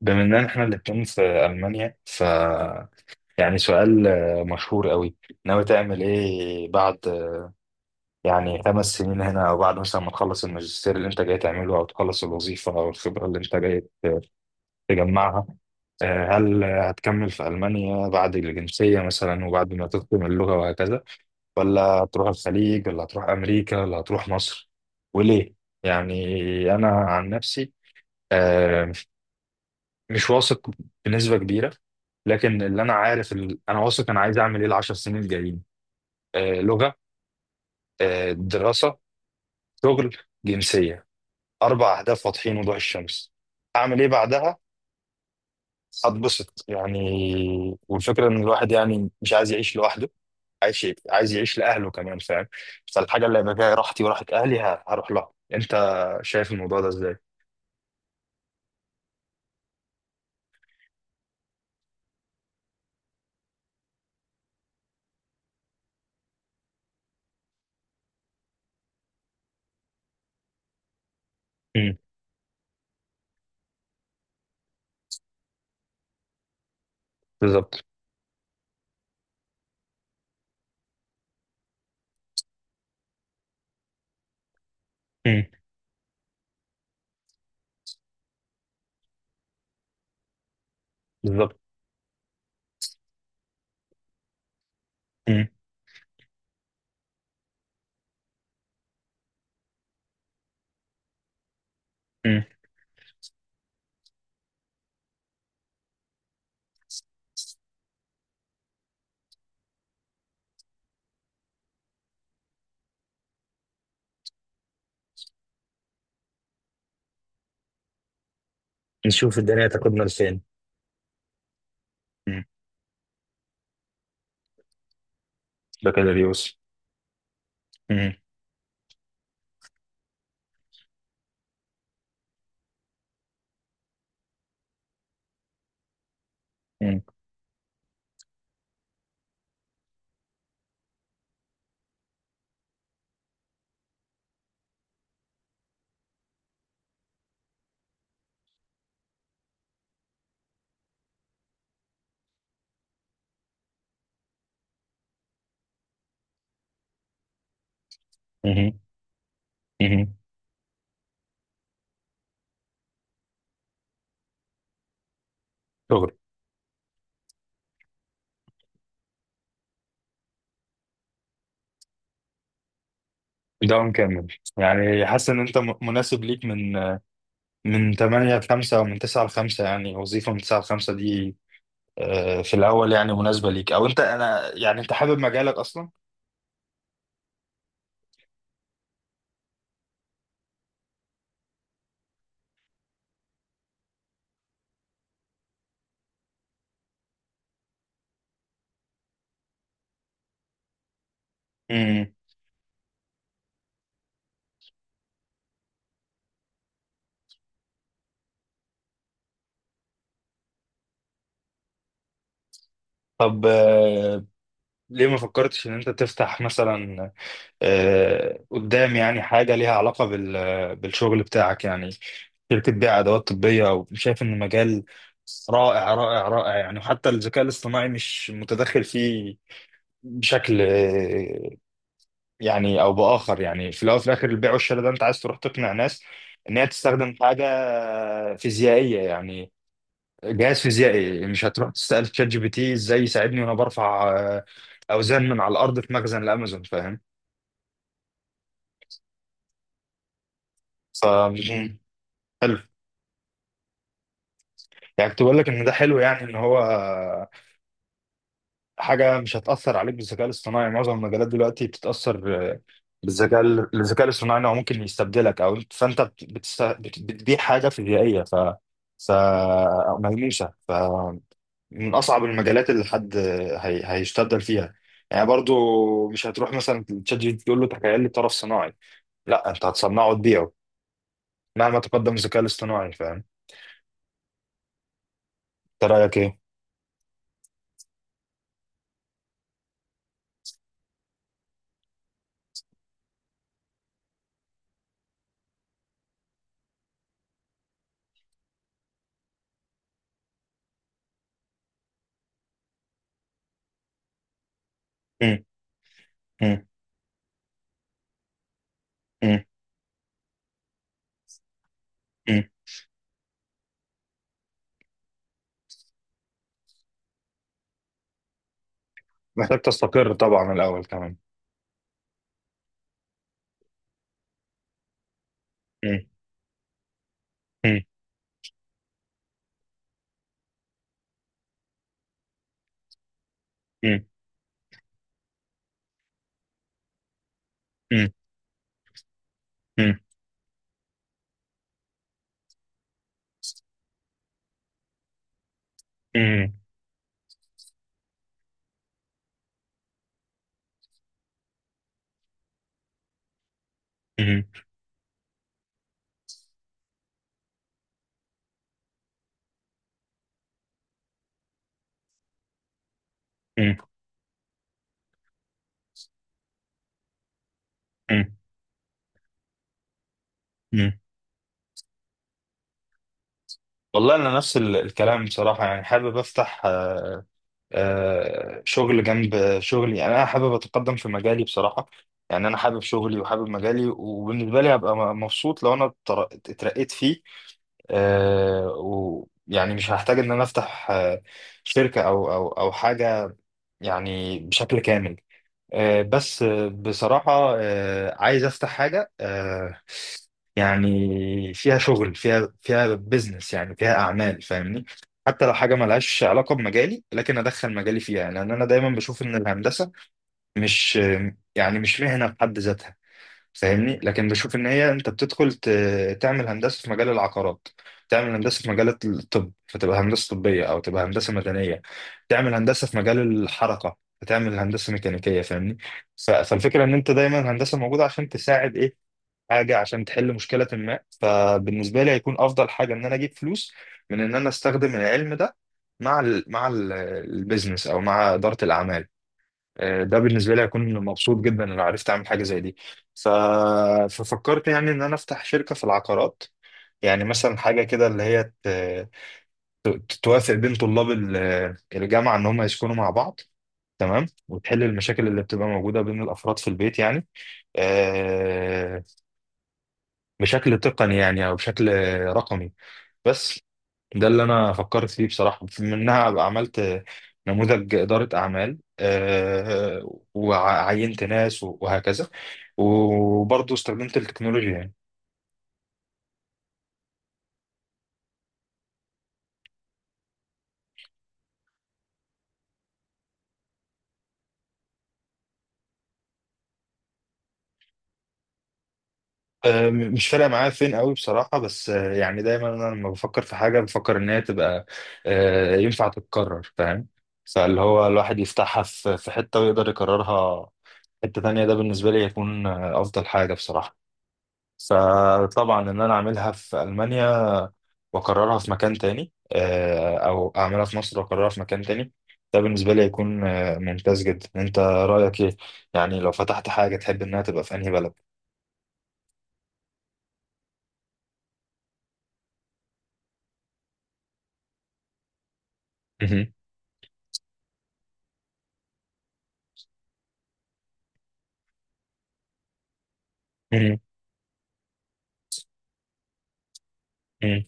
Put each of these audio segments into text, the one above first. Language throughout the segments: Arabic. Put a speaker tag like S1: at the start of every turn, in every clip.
S1: بما ان احنا الاتنين في المانيا، يعني سؤال مشهور قوي. ناوي تعمل ايه بعد يعني خمس سنين هنا، او بعد مثلا ما تخلص الماجستير اللي انت جاي تعمله، او تخلص الوظيفه او الخبره اللي انت جاي تجمعها. هل هتكمل في المانيا بعد الجنسيه مثلا وبعد ما تتقن اللغه وهكذا، ولا هتروح الخليج ولا هتروح امريكا ولا هتروح مصر، وليه؟ يعني انا عن نفسي آه، مش واثق بنسبة كبيرة، لكن اللي انا عارف انا واثق انا عايز اعمل ايه العشر سنين الجايين. لغة، دراسة، شغل، جنسية. اربع اهداف واضحين وضوح الشمس. اعمل ايه بعدها؟ هتبسط يعني. والفكرة ان الواحد يعني مش عايز يعيش لوحده، عايز عايز يعيش لاهله كمان، فاهم؟ فالحاجة اللي هيبقى فيها راحتي وراحة اهلي هروح لها. انت شايف الموضوع ده ازاي؟ مم. بالظبط. مم. بالظبط. مم. مم. نشوف الدنيا تاخدنا لفين. مم. ده كده ريوس. مم. مم. مم. مم. شغل. ده مكمل. يعني حاسس ان انت مناسب ليك، من 8 ل 5 او من 9 ل 5، يعني وظيفه من 9 ل 5 دي في الاول يعني مناسبه ليك؟ او انت انا يعني انت حابب مجالك اصلا؟ مم. طب ليه ما فكرتش ان انت تفتح مثلا قدام، يعني حاجة ليها علاقة بالشغل بتاعك، يعني شركة بيع أدوات طبية، وشايف إن مجال رائع رائع رائع يعني. وحتى الذكاء الاصطناعي مش متدخل فيه بشكل يعني أو بآخر، يعني في الأول وفي الآخر البيع والشراء ده أنت عايز تروح تقنع ناس إن هي تستخدم حاجة فيزيائية يعني، جهاز فيزيائي. مش هتروح تسأل تشات جي بي تي إزاي يساعدني وأنا برفع أوزان من على الأرض في مخزن الأمازون، فاهم؟ ف حلو، يعني كنت بقول لك ان ده حلو يعني ان هو حاجه مش هتاثر عليك بالذكاء الاصطناعي. معظم المجالات دلوقتي بتتاثر بالذكاء الذكاء الاصطناعي، إن هو ممكن يستبدلك، او فانت بتبيع حاجه فيزيائيه، ف ف أو ملموسه، من اصعب المجالات اللي حد هيستبدل فيها. يعني برضو مش هتروح مثلا تشات جي بي تي تقول له تخيل لي طرف صناعي، لا انت هتصنعه وتبيعه مهما تقدم الذكاء الاصطناعي، فاهم؟ انت رايك ايه؟ مم. مم. مم. محتاج تستقر طبعا الأول كمان. مم. مم. مم. مم. مم. مم. مم. مم. مم. مم. والله أنا نفس الكلام بصراحة. يعني حابب أفتح شغل جنب شغلي. يعني أنا حابب أتقدم في مجالي بصراحة. يعني أنا حابب شغلي وحابب مجالي، وبالنسبة لي هبقى مبسوط لو أنا اترقيت فيه، ويعني مش هحتاج إن أنا أفتح شركة أو حاجة يعني بشكل كامل. بس بصراحة عايز أفتح حاجة يعني فيها شغل، فيها بيزنس يعني فيها أعمال، فاهمني؟ حتى لو حاجة ملهاش علاقة بمجالي، لكن أدخل مجالي فيها، لأن أنا دايما بشوف إن الهندسة مش يعني مش مهنة بحد ذاتها، فاهمني؟ لكن بشوف ان هي انت بتدخل تعمل هندسه في مجال العقارات، تعمل هندسه في مجال الطب فتبقى هندسه طبيه او تبقى هندسه مدنيه، تعمل هندسه في مجال الحركه فتعمل هندسه ميكانيكيه، فاهمني؟ فالفكره ان انت دايما الهندسه موجوده عشان تساعد ايه، حاجه عشان تحل مشكله ما. فبالنسبه لي هيكون افضل حاجه ان انا اجيب فلوس من ان انا استخدم العلم ده مع البيزنس او مع اداره الاعمال. ده بالنسبه لي هكون مبسوط جدا لو عرفت اعمل حاجه زي دي. ف... ففكرت يعني ان انا افتح شركه في العقارات، يعني مثلا حاجه كده اللي هي توافق بين طلاب الجامعه ان هم يسكنوا مع بعض، تمام. وتحل المشاكل اللي بتبقى موجوده بين الافراد في البيت يعني، آه، بشكل تقني يعني او بشكل رقمي بس. ده اللي انا فكرت فيه بصراحه، منها أبقى عملت نموذج اداره اعمال، وعينت ناس وهكذا، وبرضه استخدمت التكنولوجيا يعني. مش فارقه معايا فين قوي بصراحه، بس يعني دايما انا لما بفكر في حاجه، بفكر ان هي تبقى ينفع تتكرر، فاهم؟ فاللي هو الواحد يفتحها في حته ويقدر يكررها حته تانيه، ده بالنسبه لي يكون افضل حاجه بصراحه. فطبعا ان انا اعملها في المانيا واكررها في مكان تاني، او اعملها في مصر واكررها في مكان تاني، ده بالنسبه لي هيكون ممتاز جدا. انت رايك ايه؟ يعني لو فتحت حاجه تحب انها تبقى في انهي بلد؟ مهم. مهم. مهم.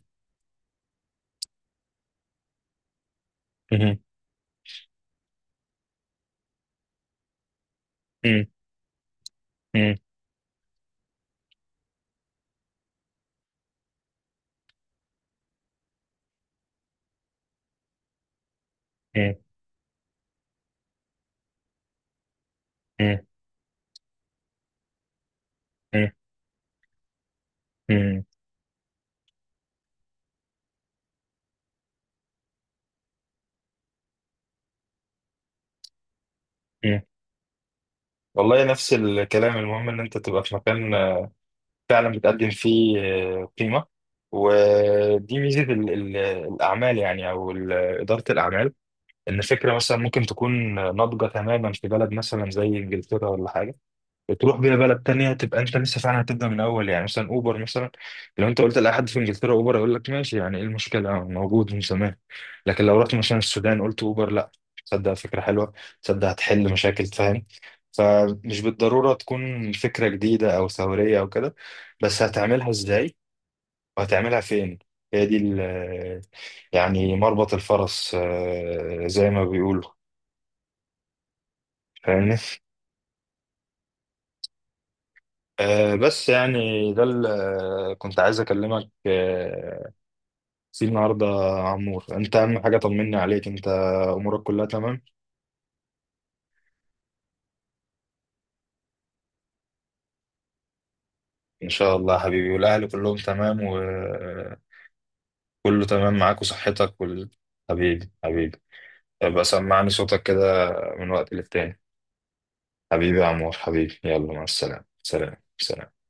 S1: مهم. مهم. مهم. مهم. مهم. مهم. مهم. والله نفس الكلام. المهم ان انت تبقى في مكان فعلا بتقدم فيه قيمه. ودي ميزه الاعمال، يعني او اداره الاعمال، ان فكره مثلا ممكن تكون ناضجه تماما في بلد مثلا زي انجلترا ولا حاجه، بتروح بيها بلد تانية تبقى انت لسه فعلا هتبدا من الاول. يعني مثلا اوبر مثلا، لو انت قلت لاي حد في انجلترا اوبر يقول لك ماشي، يعني ايه المشكله؟ موجود من زمان. لكن لو رحت مثلا السودان قلت اوبر، لا، تصدق فكره حلوه، تصدق هتحل مشاكل، فاهم؟ فمش بالضروره تكون فكره جديده او ثوريه او كده، بس هتعملها ازاي وهتعملها فين، هي دي يعني مربط الفرس زي ما بيقولوا، فاهمني؟ بس يعني ده اللي كنت عايز اكلمك فيه النهارده يا عمور. انت اهم حاجه، طمني عليك، انت امورك كلها تمام؟ ان شاء الله يا حبيبي، والاهل كلهم تمام وكله تمام معاك وصحتك حبيبي حبيبي. ابقى سمعني صوتك كده من وقت للتاني. حبيبي يا عمور حبيبي، يلا مع السلامه، سلام سلام.